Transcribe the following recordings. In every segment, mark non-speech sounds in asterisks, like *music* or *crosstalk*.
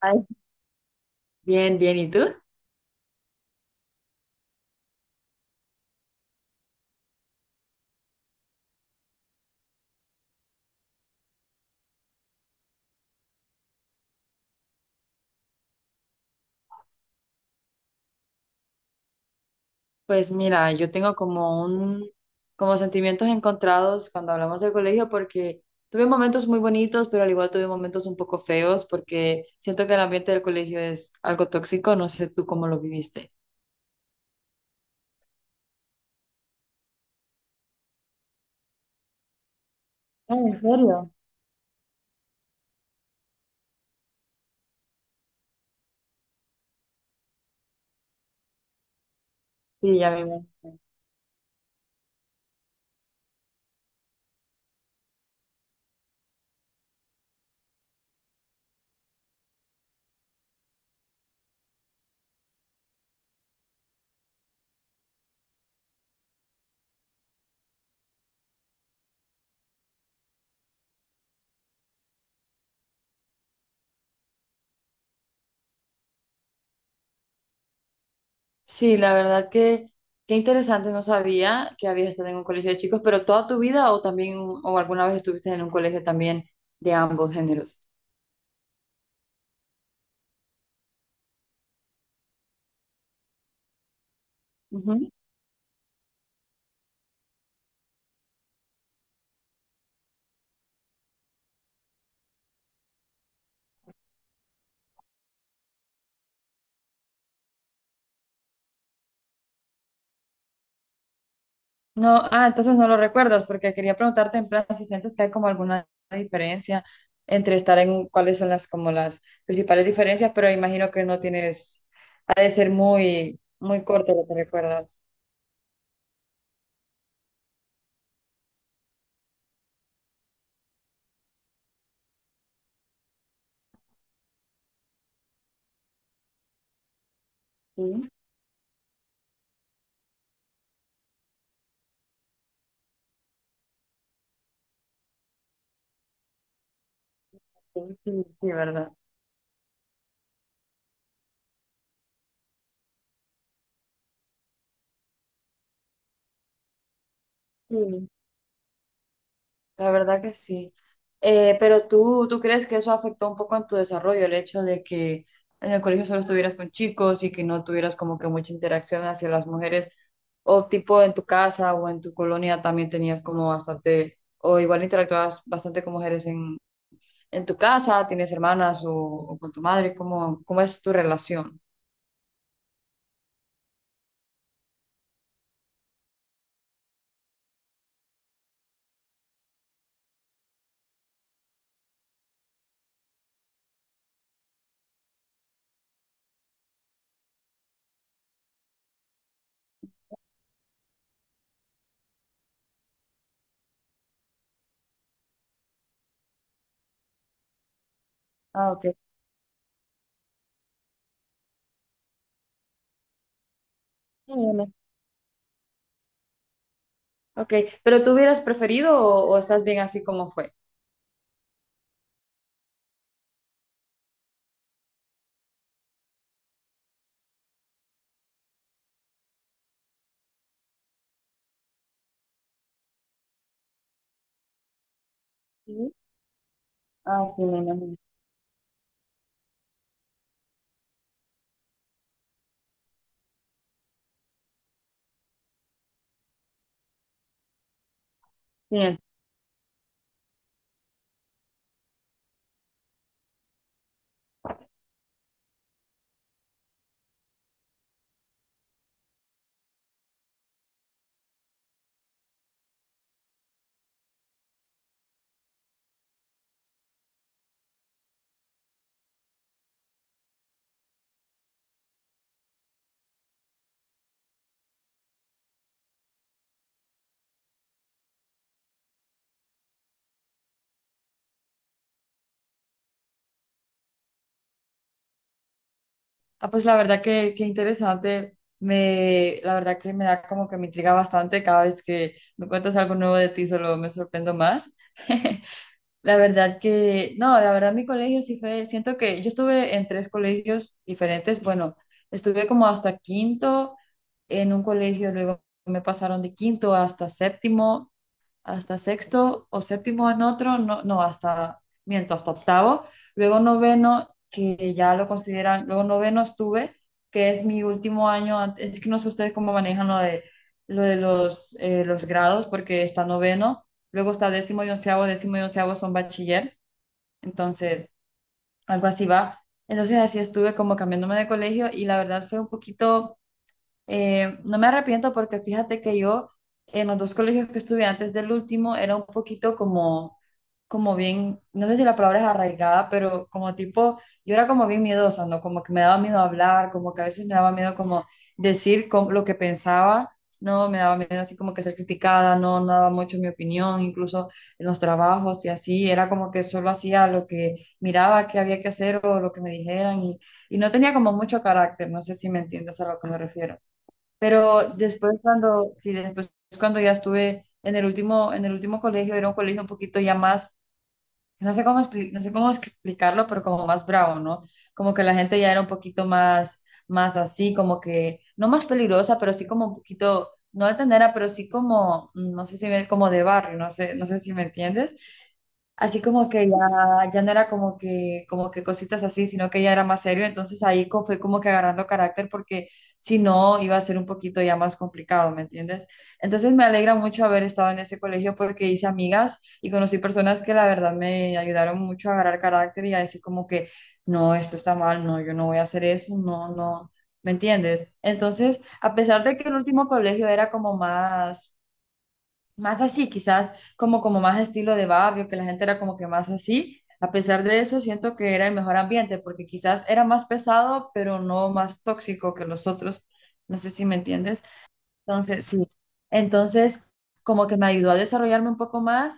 Ay, bien, bien, ¿y tú? Pues mira, yo tengo como un, como sentimientos encontrados cuando hablamos del colegio porque tuve momentos muy bonitos, pero al igual tuve momentos un poco feos porque siento que el ambiente del colegio es algo tóxico, no sé tú cómo lo viviste. Ah, ¿en serio? Sí, ya me imagino. Sí, la verdad que qué interesante, no sabía que habías estado en un colegio de chicos, pero toda tu vida o también o alguna vez estuviste en un colegio también de ambos géneros. No, ah, entonces no lo recuerdas, porque quería preguntarte en plan si sientes que hay como alguna diferencia entre estar en cuáles son las como las principales diferencias, pero imagino que no tienes, ha de ser muy, muy corto lo que recuerdas. Sí, sí, sí, sí, ¿verdad? Sí. La verdad que sí. Pero tú, ¿tú crees que eso afectó un poco en tu desarrollo, el hecho de que en el colegio solo estuvieras con chicos y que no tuvieras como que mucha interacción hacia las mujeres? O tipo en tu casa o en tu colonia también tenías como bastante, o igual interactuabas bastante con mujeres en tu casa, tienes hermanas o con tu madre, ¿cómo, cómo es tu relación? Ah, ok. Muy bien. Ok, pero ¿tú hubieras preferido o estás bien así como fue? Sí. Ah, sí, me imagino. Sí. Ah, pues la verdad que interesante. Me, la verdad que me da como que me intriga bastante cada vez que me cuentas algo nuevo de ti, solo me sorprendo más. *laughs* La verdad que, no, la verdad mi colegio sí fue, siento que yo estuve en tres colegios diferentes. Bueno, estuve como hasta quinto en un colegio, luego me pasaron de quinto hasta séptimo hasta sexto o séptimo en otro, no, no, hasta, miento, hasta octavo, luego noveno, que ya lo consideran, luego noveno estuve, que es mi último año, es que no sé ustedes cómo manejan lo de los grados, porque está noveno, luego está décimo y onceavo son bachiller, entonces algo así va. Entonces así estuve como cambiándome de colegio y la verdad fue un poquito no me arrepiento porque fíjate que yo en los dos colegios que estuve antes del último era un poquito como, como bien, no sé si la palabra es arraigada, pero como tipo, yo era como bien miedosa, ¿no? Como que me daba miedo hablar, como que a veces me daba miedo como lo que pensaba, ¿no? Me daba miedo así como que ser criticada, no, no daba mucho mi opinión, incluso en los trabajos y así, era como que solo hacía lo que miraba que había que hacer o lo que me dijeran y no tenía como mucho carácter, no sé si me entiendes a lo que me refiero. Pero después cuando, sí, después cuando ya estuve en el último colegio, era un colegio un poquito ya más, no sé cómo, no sé cómo explicarlo, pero como más bravo, ¿no? Como que la gente ya era un poquito más, más así, como que, no más peligrosa, pero sí como un poquito, no altanera, pero sí como, no sé si me, como de barrio, no sé, no sé si me entiendes. Así como que ya, ya no era como que cositas así, sino que ya era más serio. Entonces fue como que agarrando carácter porque si no iba a ser un poquito ya más complicado, ¿me entiendes? Entonces me alegra mucho haber estado en ese colegio porque hice amigas y conocí personas que la verdad me ayudaron mucho a agarrar carácter y a decir como que, no, esto está mal, no, yo no voy a hacer eso, no, no, ¿me entiendes? Entonces, a pesar de que el último colegio era como más más así, quizás como, como más estilo de barrio, que la gente era como que más así. A pesar de eso, siento que era el mejor ambiente, porque quizás era más pesado, pero no más tóxico que los otros. No sé si me entiendes. Entonces, sí. Entonces, como que me ayudó a desarrollarme un poco más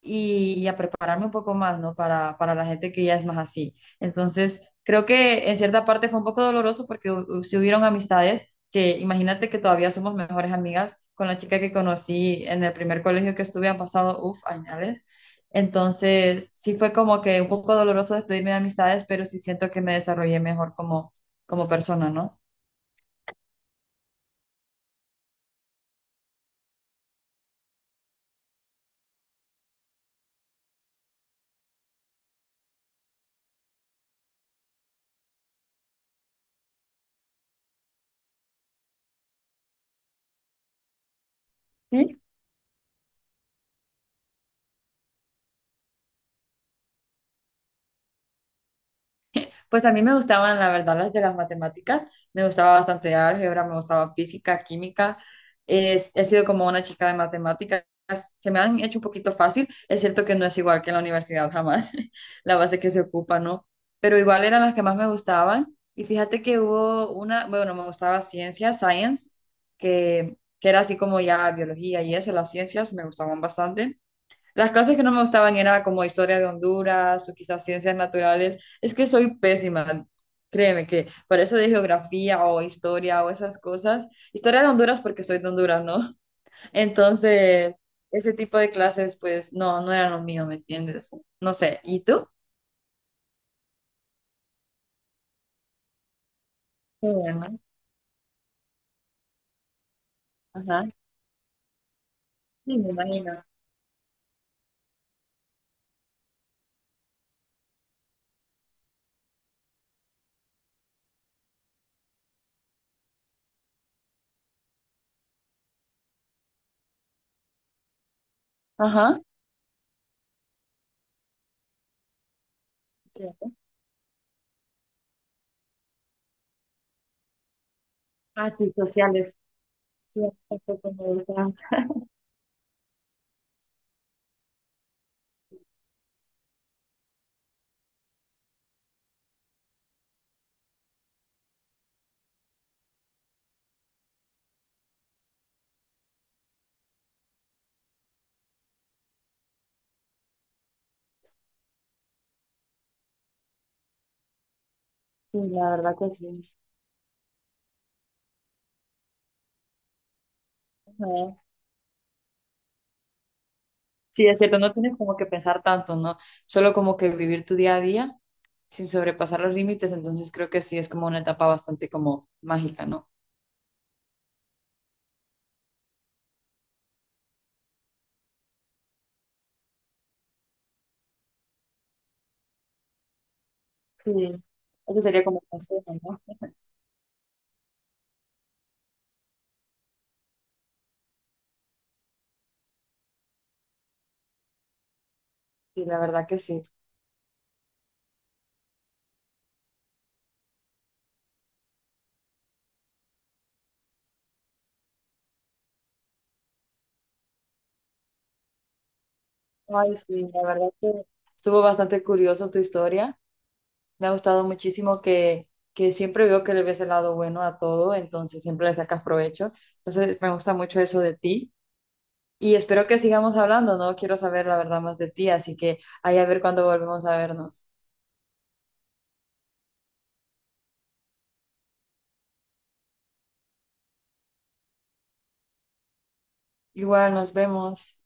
y a prepararme un poco más, ¿no? Para la gente que ya es más así. Entonces, creo que en cierta parte fue un poco doloroso porque si hubieron amistades que, imagínate que todavía somos mejores amigas con la chica que conocí en el primer colegio que estuve, han pasado, uff, añales. Entonces, sí fue como que un poco doloroso despedirme de amistades, pero sí siento que me desarrollé mejor como, como persona, ¿no? Pues a mí me gustaban, la verdad, las de las matemáticas. Me gustaba bastante álgebra, me gustaba física, química. He sido como una chica de matemáticas. Se me han hecho un poquito fácil. Es cierto que no es igual que en la universidad jamás, *laughs* la base que se ocupa, ¿no? Pero igual eran las que más me gustaban. Y fíjate que hubo una, bueno, me gustaba ciencia, science, que era así como ya biología y eso, las ciencias me gustaban bastante. Las clases que no me gustaban era como historia de Honduras o quizás ciencias naturales. Es que soy pésima, créeme que para eso de geografía o historia o esas cosas. Historia de Honduras porque soy de Honduras, ¿no? *laughs* Entonces, ese tipo de clases, pues no, no eran lo mío, ¿me entiendes? No sé. ¿Y tú? Qué bueno. Ajá. Sí, me imagino. Ajá. Sí. Ah, sí, sociales. Sí, tampoco me gusta. Sí, la verdad que sí. Sí, es cierto, no tienes como que pensar tanto, ¿no? Solo como que vivir tu día a día sin sobrepasar los límites, entonces creo que sí es como una etapa bastante como mágica, ¿no? Sí, eso sería como un consejo, ¿no? Sí, la verdad que sí. Ay, sí, la verdad que estuvo bastante curioso tu historia. Me ha gustado muchísimo que siempre veo que le ves el lado bueno a todo, entonces siempre le sacas provecho. Entonces me gusta mucho eso de ti y espero que sigamos hablando, ¿no? Quiero saber la verdad más de ti, así que ahí a ver cuándo volvemos a vernos. Igual nos vemos.